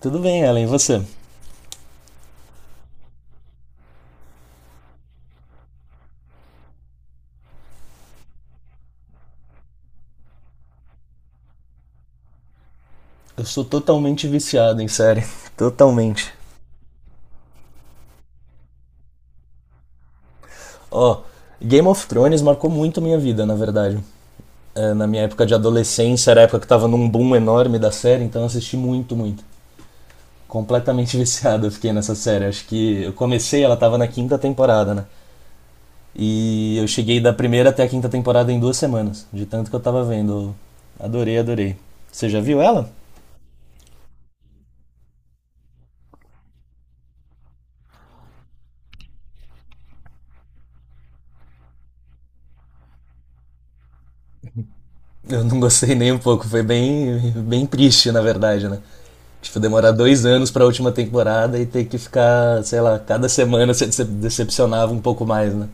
Tudo bem, Ellen, e você? Eu sou totalmente viciado em série. Totalmente. Ó, Game of Thrones marcou muito minha vida, na verdade. É, na minha época de adolescência, era a época que tava num boom enorme da série, então eu assisti muito, muito. Completamente viciado eu fiquei nessa série. Acho que eu comecei, ela tava na quinta temporada, né? E eu cheguei da primeira até a quinta temporada em 2 semanas, de tanto que eu tava vendo. Eu adorei, adorei. Você já viu ela? Eu não gostei nem um pouco, foi bem, bem triste, na verdade, né? Tipo, demorar 2 anos pra última temporada e ter que ficar, sei lá, cada semana se decepcionava um pouco mais, né?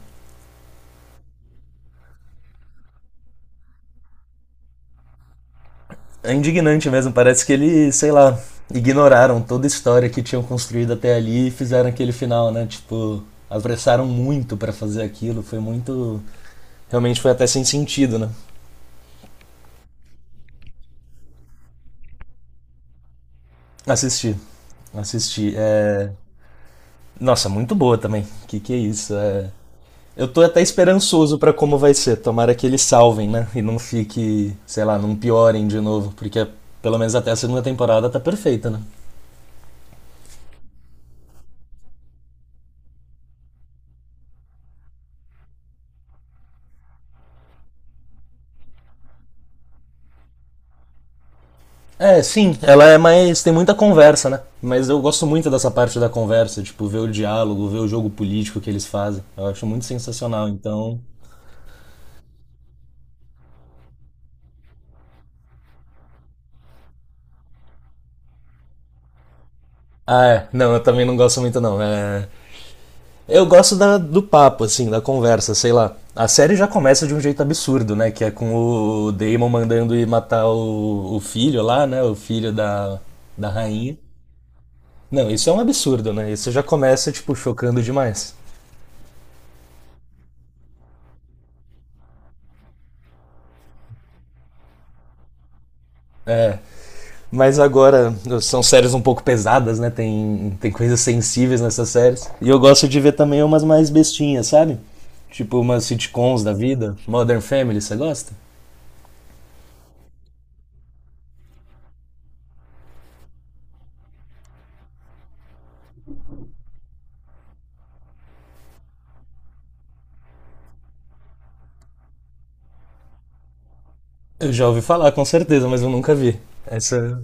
É indignante mesmo, parece que eles, sei lá, ignoraram toda a história que tinham construído até ali e fizeram aquele final, né? Tipo, apressaram muito pra fazer aquilo, foi muito. Realmente foi até sem sentido, né? Assistir. Assisti. Nossa, muito boa também. Que é isso? Eu tô até esperançoso pra como vai ser. Tomara que eles salvem, né? E não fique, sei lá, não piorem de novo, porque pelo menos até a segunda temporada tá perfeita, né? É, sim, ela é mais, tem muita conversa, né? Mas eu gosto muito dessa parte da conversa, tipo, ver o diálogo, ver o jogo político que eles fazem. Eu acho muito sensacional, então. Ah, é. Não, eu também não gosto muito, não. Eu gosto do papo, assim, da conversa, sei lá. A série já começa de um jeito absurdo, né? Que é com o Damon mandando ir matar o filho lá, né? O filho da rainha. Não, isso é um absurdo, né? Isso já começa, tipo, chocando demais. Mas agora são séries um pouco pesadas, né? Tem coisas sensíveis nessas séries. E eu gosto de ver também umas mais bestinhas, sabe? Tipo umas sitcoms da vida. Modern Family, você gosta? Eu já ouvi falar, com certeza, mas eu nunca vi. Essa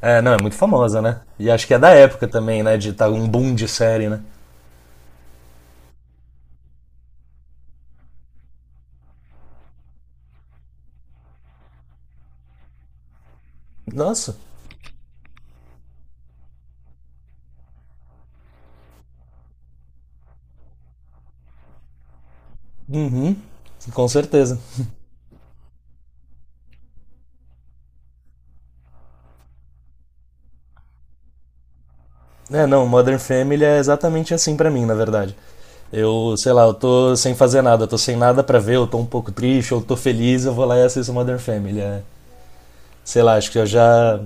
É, não, é muito famosa, né? E acho que é da época também, né? De estar um boom de série, né? Nossa, uhum, com certeza. É, não, Modern Family é exatamente assim pra mim, na verdade. Eu, sei lá, eu tô sem fazer nada, eu tô sem nada pra ver, eu tô um pouco triste, eu tô feliz, eu vou lá e assisto Modern Family. É, sei lá, acho que eu já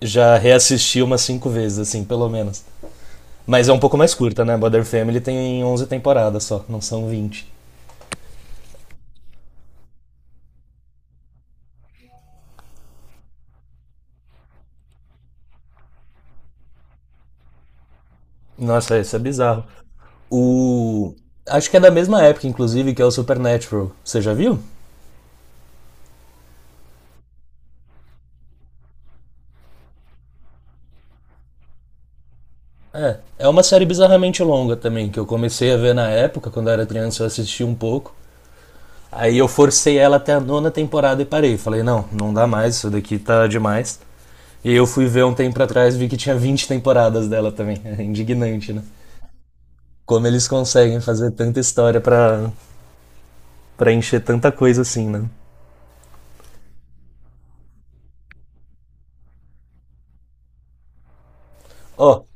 já reassisti umas cinco vezes, assim, pelo menos. Mas é um pouco mais curta, né? Modern Family tem 11 temporadas só, não são 20. Nossa, isso é bizarro. O. Acho que é da mesma época, inclusive, que é o Supernatural. Você já viu? É. É uma série bizarramente longa também, que eu comecei a ver na época, quando eu era criança, eu assisti um pouco. Aí eu forcei ela até a nona temporada e parei. Falei, não, não dá mais, isso daqui tá demais. E eu fui ver um tempo atrás e vi que tinha 20 temporadas dela também. É indignante, né? Como eles conseguem fazer tanta história pra encher tanta coisa assim, né? Ó,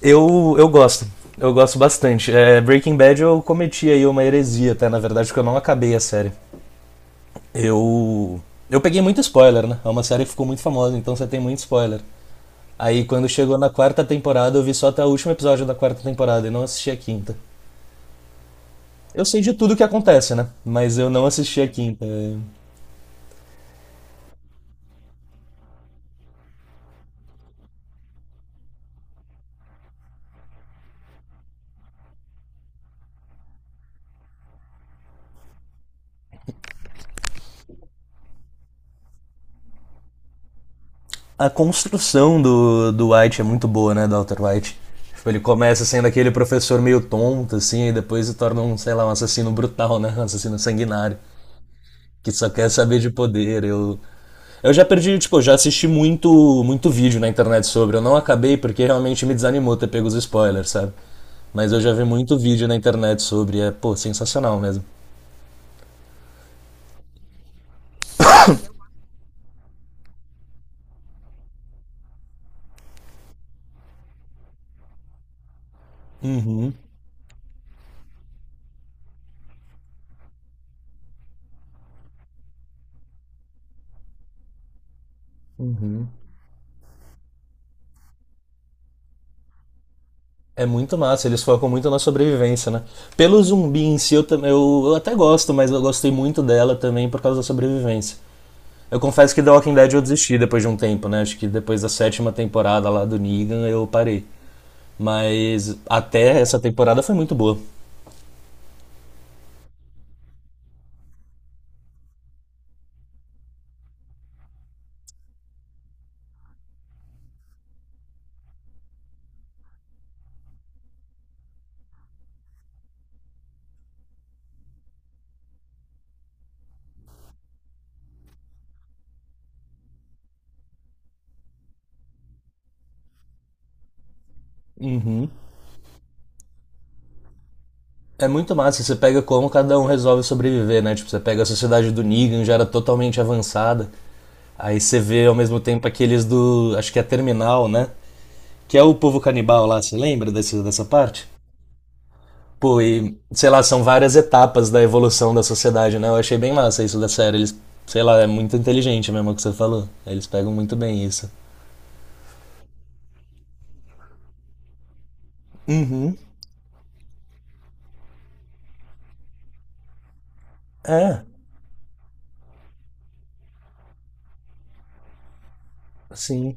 eu gosto. Eu gosto bastante. É, Breaking Bad eu cometi aí uma heresia, até, na verdade, porque eu não acabei a série. Eu. Eu peguei muito spoiler, né? É uma série que ficou muito famosa, então você tem muito spoiler. Aí quando chegou na quarta temporada, eu vi só até o último episódio da quarta temporada e não assisti a quinta. Eu sei de tudo que acontece, né? Mas eu não assisti a quinta. A construção do White é muito boa, né? Do Walter White. Tipo, ele começa sendo aquele professor meio tonto, assim, e depois se torna um, sei lá, um assassino brutal, né? Um assassino sanguinário. Que só quer saber de poder. Eu já perdi, tipo, já assisti muito, muito vídeo na internet sobre. Eu não acabei porque realmente me desanimou ter pego os spoilers, sabe? Mas eu já vi muito vídeo na internet sobre. É, pô, sensacional mesmo. Uhum. É muito massa, eles focam muito na sobrevivência, né? Pelo zumbi em si, eu até gosto, mas eu gostei muito dela também por causa da sobrevivência. Eu confesso que The Walking Dead eu desisti depois de um tempo, né? Acho que depois da sétima temporada lá do Negan eu parei. Mas até essa temporada foi muito boa. Uhum. É muito massa, você pega como cada um resolve sobreviver, né? Tipo, você pega a sociedade do Negan, já era totalmente avançada. Aí você vê ao mesmo tempo aqueles do. Acho que é Terminal, né? Que é o povo canibal lá, você lembra dessa parte? Pô, e sei lá, são várias etapas da evolução da sociedade, né? Eu achei bem massa isso da série. Eles, sei lá, é muito inteligente mesmo o que você falou. Eles pegam muito bem isso. Uhum. É, sim.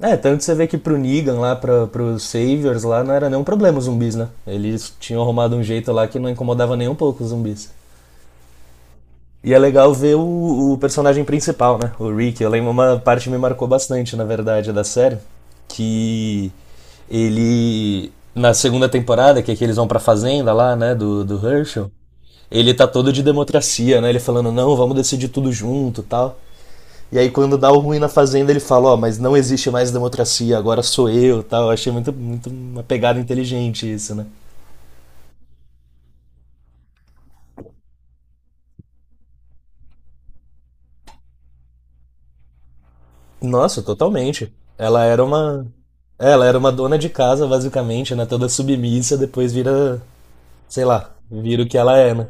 É, tanto você vê que pro Negan lá, pro Saviors lá, não era nenhum problema os zumbis, né? Eles tinham arrumado um jeito lá que não incomodava nem um pouco os zumbis. E é legal ver o personagem principal, né? O Rick. Eu lembro uma parte que me marcou bastante, na verdade, da série. Que ele. Na segunda temporada, que é que eles vão pra fazenda lá, né? Do Herschel. Ele tá todo de democracia, né? Ele falando, não, vamos decidir tudo junto e tal. E aí quando dá o ruim na fazenda, ele fala, ó, oh, mas não existe mais democracia, agora sou eu, tal. Eu achei muito, muito uma pegada inteligente isso, né? Nossa, totalmente. Ela era uma dona de casa, basicamente, né? Toda submissa, depois vira, sei lá, vira o que ela é, né?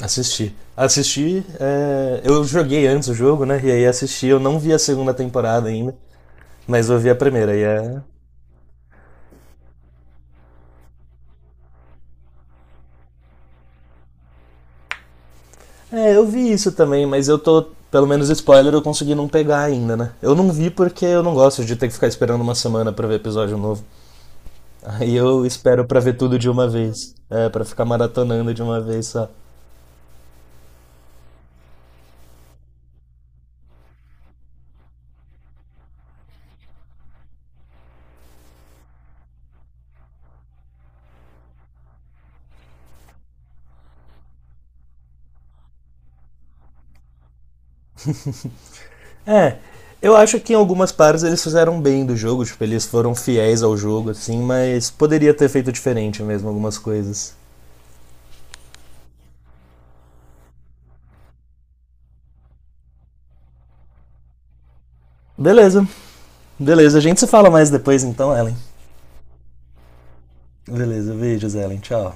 Assisti. Assisti, é, eu joguei antes o jogo, né? E aí assisti, eu não vi a segunda temporada ainda, mas eu vi a primeira. Eu vi isso também, mas eu tô. Pelo menos spoiler eu consegui não pegar ainda, né? Eu não vi porque eu não gosto de ter que ficar esperando uma semana pra ver episódio novo. Aí eu espero pra ver tudo de uma vez. É, pra ficar maratonando de uma vez só. É, eu acho que em algumas partes eles fizeram bem do jogo, tipo, eles foram fiéis ao jogo, assim, mas poderia ter feito diferente mesmo algumas coisas. Beleza, beleza. A gente se fala mais depois então, Ellen. Beleza, beijos, Ellen. Tchau.